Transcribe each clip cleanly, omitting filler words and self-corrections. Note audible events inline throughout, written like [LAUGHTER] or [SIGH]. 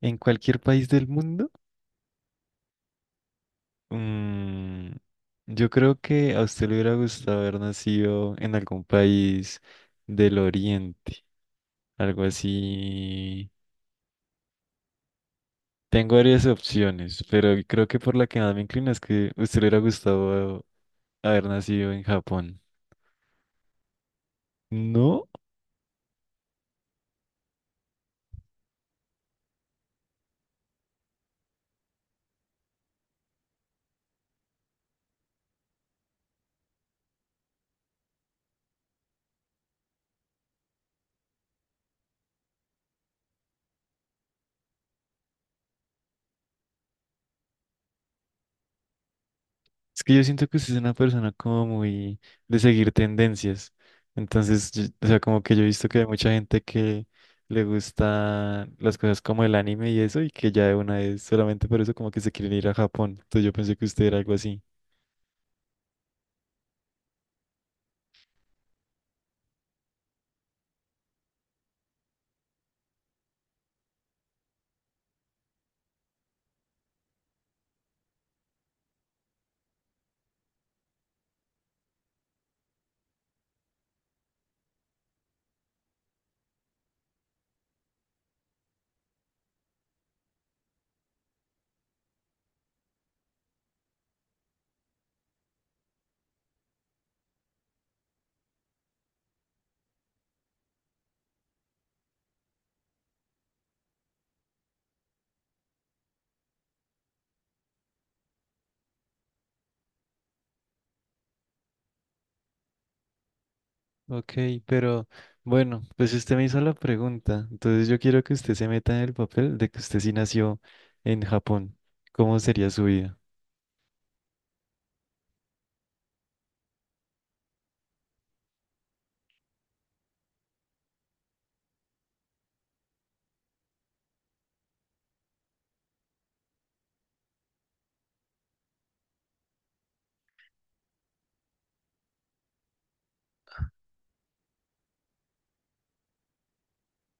En cualquier país del mundo, mm, yo creo que a usted le hubiera gustado haber nacido en algún país del Oriente, algo así. Tengo varias opciones, pero creo que por la que más me inclino es que a usted le hubiera gustado haber nacido en Japón. ¿No? Es que yo siento que usted es una persona como muy de seguir tendencias. Entonces, o sea, como que yo he visto que hay mucha gente que le gusta las cosas como el anime y eso, y que ya de una vez solamente por eso como que se quieren ir a Japón. Entonces yo pensé que usted era algo así. Ok, pero bueno, pues usted me hizo la pregunta. Entonces yo quiero que usted se meta en el papel de que usted sí nació en Japón. ¿Cómo sería su vida?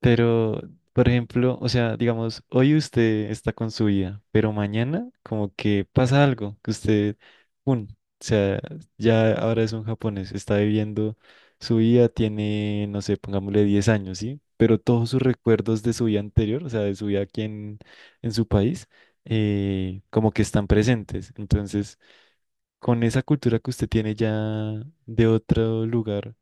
Pero, por ejemplo, o sea, digamos, hoy usted está con su vida, pero mañana como que pasa algo, que usted, o sea, ya ahora es un japonés, está viviendo su vida, tiene, no sé, pongámosle 10 años, ¿sí? Pero todos sus recuerdos de su vida anterior, o sea, de su vida aquí en su país, como que están presentes. Entonces, con esa cultura que usted tiene ya de otro lugar,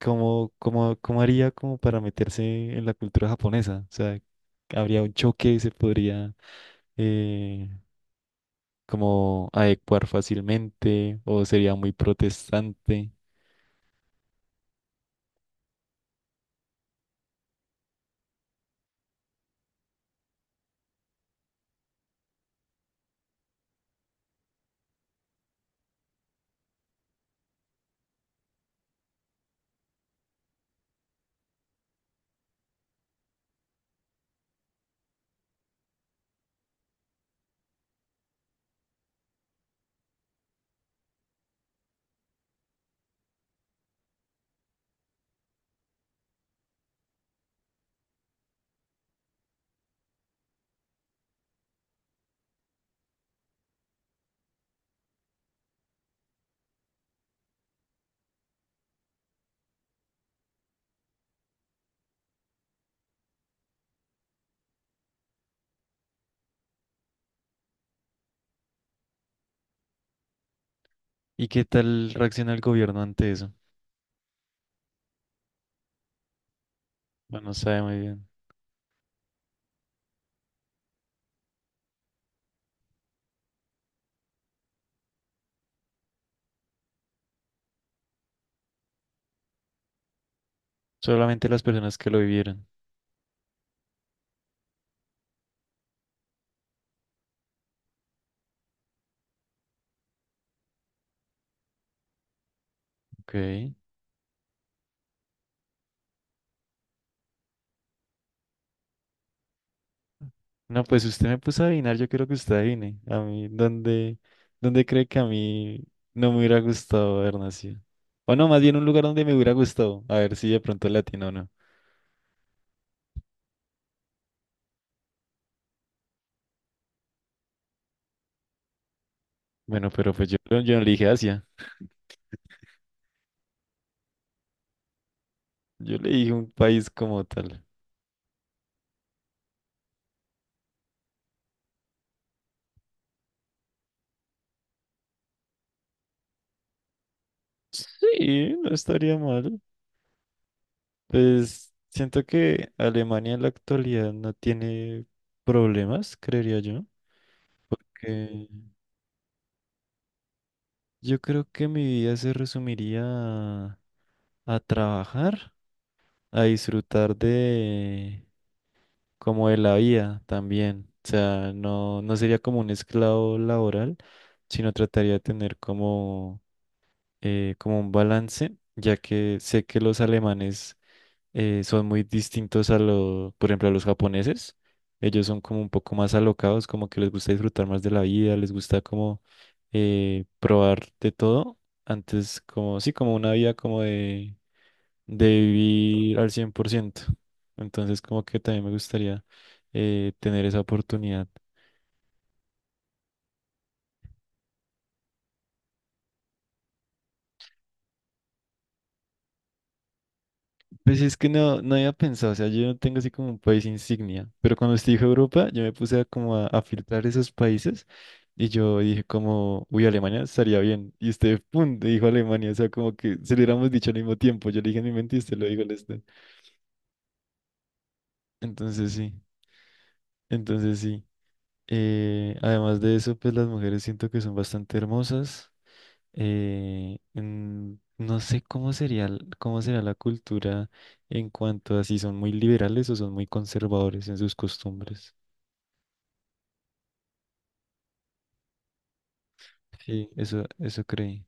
¿cómo, cómo haría como para meterse en la cultura japonesa? O sea, habría un choque y se podría eh, como adecuar fácilmente o sería muy protestante. ¿Y qué tal reacciona el gobierno ante eso? Bueno, no sabe muy bien. Solamente las personas que lo vivieron. Ok. No, pues usted me puso a adivinar, yo quiero que usted adivine. A mí, ¿dónde, dónde cree que a mí no me hubiera gustado haber nacido? O no, más bien un lugar donde me hubiera gustado. A ver si de pronto latino o no. Bueno, pero pues yo, yo no le dije Asia, yo le dije un país como tal. Sí, no estaría mal. Pues siento que Alemania en la actualidad no tiene problemas, creería yo. Que yo creo que mi vida se resumiría a trabajar, a disfrutar de como de la vida también. O sea, no, no sería como un esclavo laboral, sino trataría de tener como como un balance, ya que sé que los alemanes son muy distintos a los, por ejemplo, a los japoneses. Ellos son como un poco más alocados, como que les gusta disfrutar más de la vida, les gusta como probar de todo. Antes, como, sí, como una vida como de vivir al cien por ciento. Entonces, como que también me gustaría tener esa oportunidad. Pues es que no, no había pensado, o sea, yo no tengo así como un país insignia, pero cuando estuve en Europa, yo me puse a como a filtrar esos países y yo dije como, uy, Alemania estaría bien. Y usted, pum, dijo Alemania, o sea, como que se lo hubiéramos dicho al mismo tiempo. Yo le dije en mi mente y usted lo dijo al este. Entonces sí, entonces sí. Además de eso, pues las mujeres siento que son bastante hermosas. No sé cómo sería, cómo será la cultura en cuanto a si son muy liberales o son muy conservadores en sus costumbres. Sí, eso creí.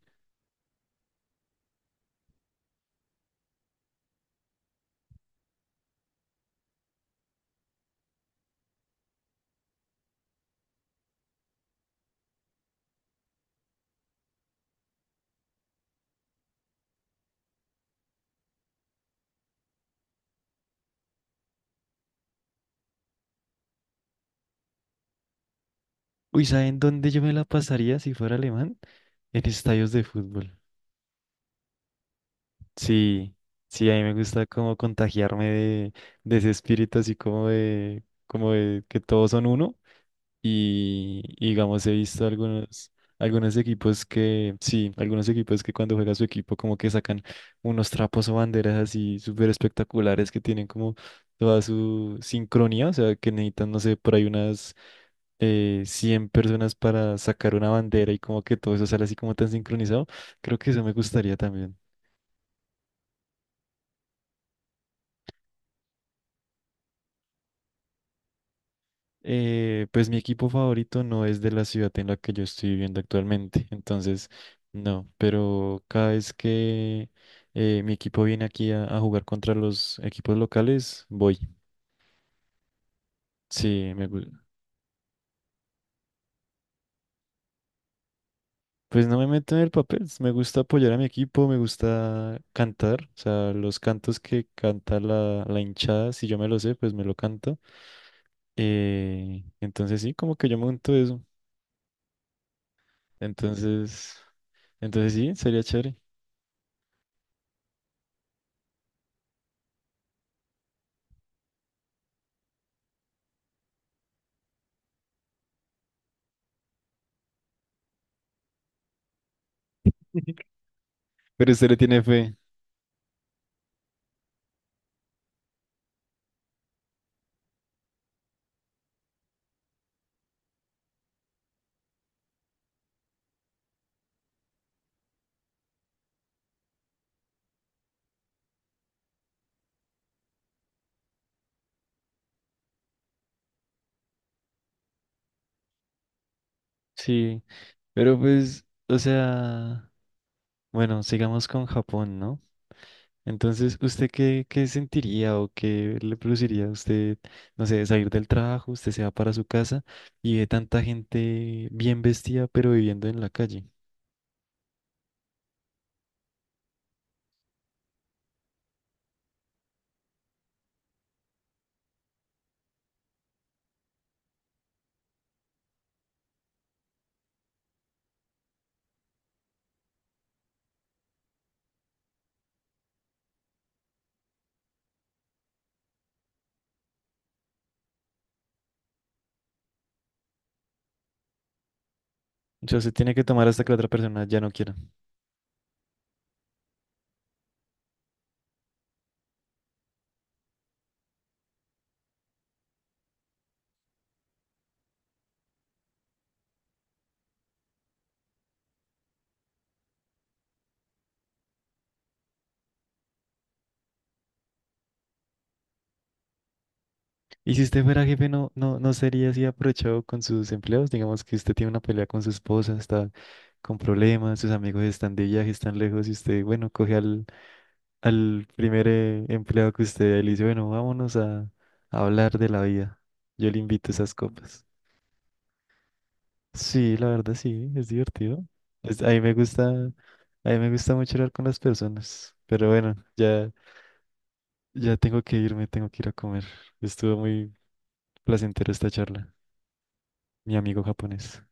Uy, ¿saben dónde yo me la pasaría si fuera alemán? En estadios de fútbol. Sí, sí, a mí me gusta como contagiarme de ese espíritu así como de que todos son uno. Y digamos, he visto algunos, algunos equipos que, sí, algunos equipos que cuando juega su equipo como que sacan unos trapos o banderas así súper espectaculares que tienen como toda su sincronía, o sea, que necesitan, no sé, por ahí unas 100 personas para sacar una bandera y como que todo eso sale así como tan sincronizado. Creo que eso me gustaría también. Pues mi equipo favorito no es de la ciudad en la que yo estoy viviendo actualmente, entonces no, pero cada vez que mi equipo viene aquí a jugar contra los equipos locales, voy. Sí, pues no me meto en el papel, me gusta apoyar a mi equipo, me gusta cantar, o sea, los cantos que canta la, la hinchada, si yo me lo sé, pues me lo canto. Entonces sí, como que yo monto eso. Entonces, entonces sí, sería chévere. [LAUGHS] Pero usted le tiene fe. Sí, pero pues, o sea, bueno, sigamos con Japón, ¿no? Entonces, ¿usted qué, qué sentiría o qué le produciría a usted, no sé, salir del trabajo, usted se va para su casa y ve tanta gente bien vestida pero viviendo en la calle? O sea, se tiene que tomar hasta que la otra persona ya no quiera. Y si usted fuera jefe, no, no, no sería así aprovechado con sus empleados. Digamos que usted tiene una pelea con su esposa, está con problemas, sus amigos están de viaje, están lejos y usted, bueno, coge al al primer empleado que usted vea y le dice, bueno, vámonos a hablar de la vida. Yo le invito esas copas. Sí, la verdad sí, es divertido. A mí me gusta, a mí me gusta mucho hablar con las personas. Pero bueno, ya, ya tengo que irme, tengo que ir a comer. Estuvo muy placentera esta charla, mi amigo japonés.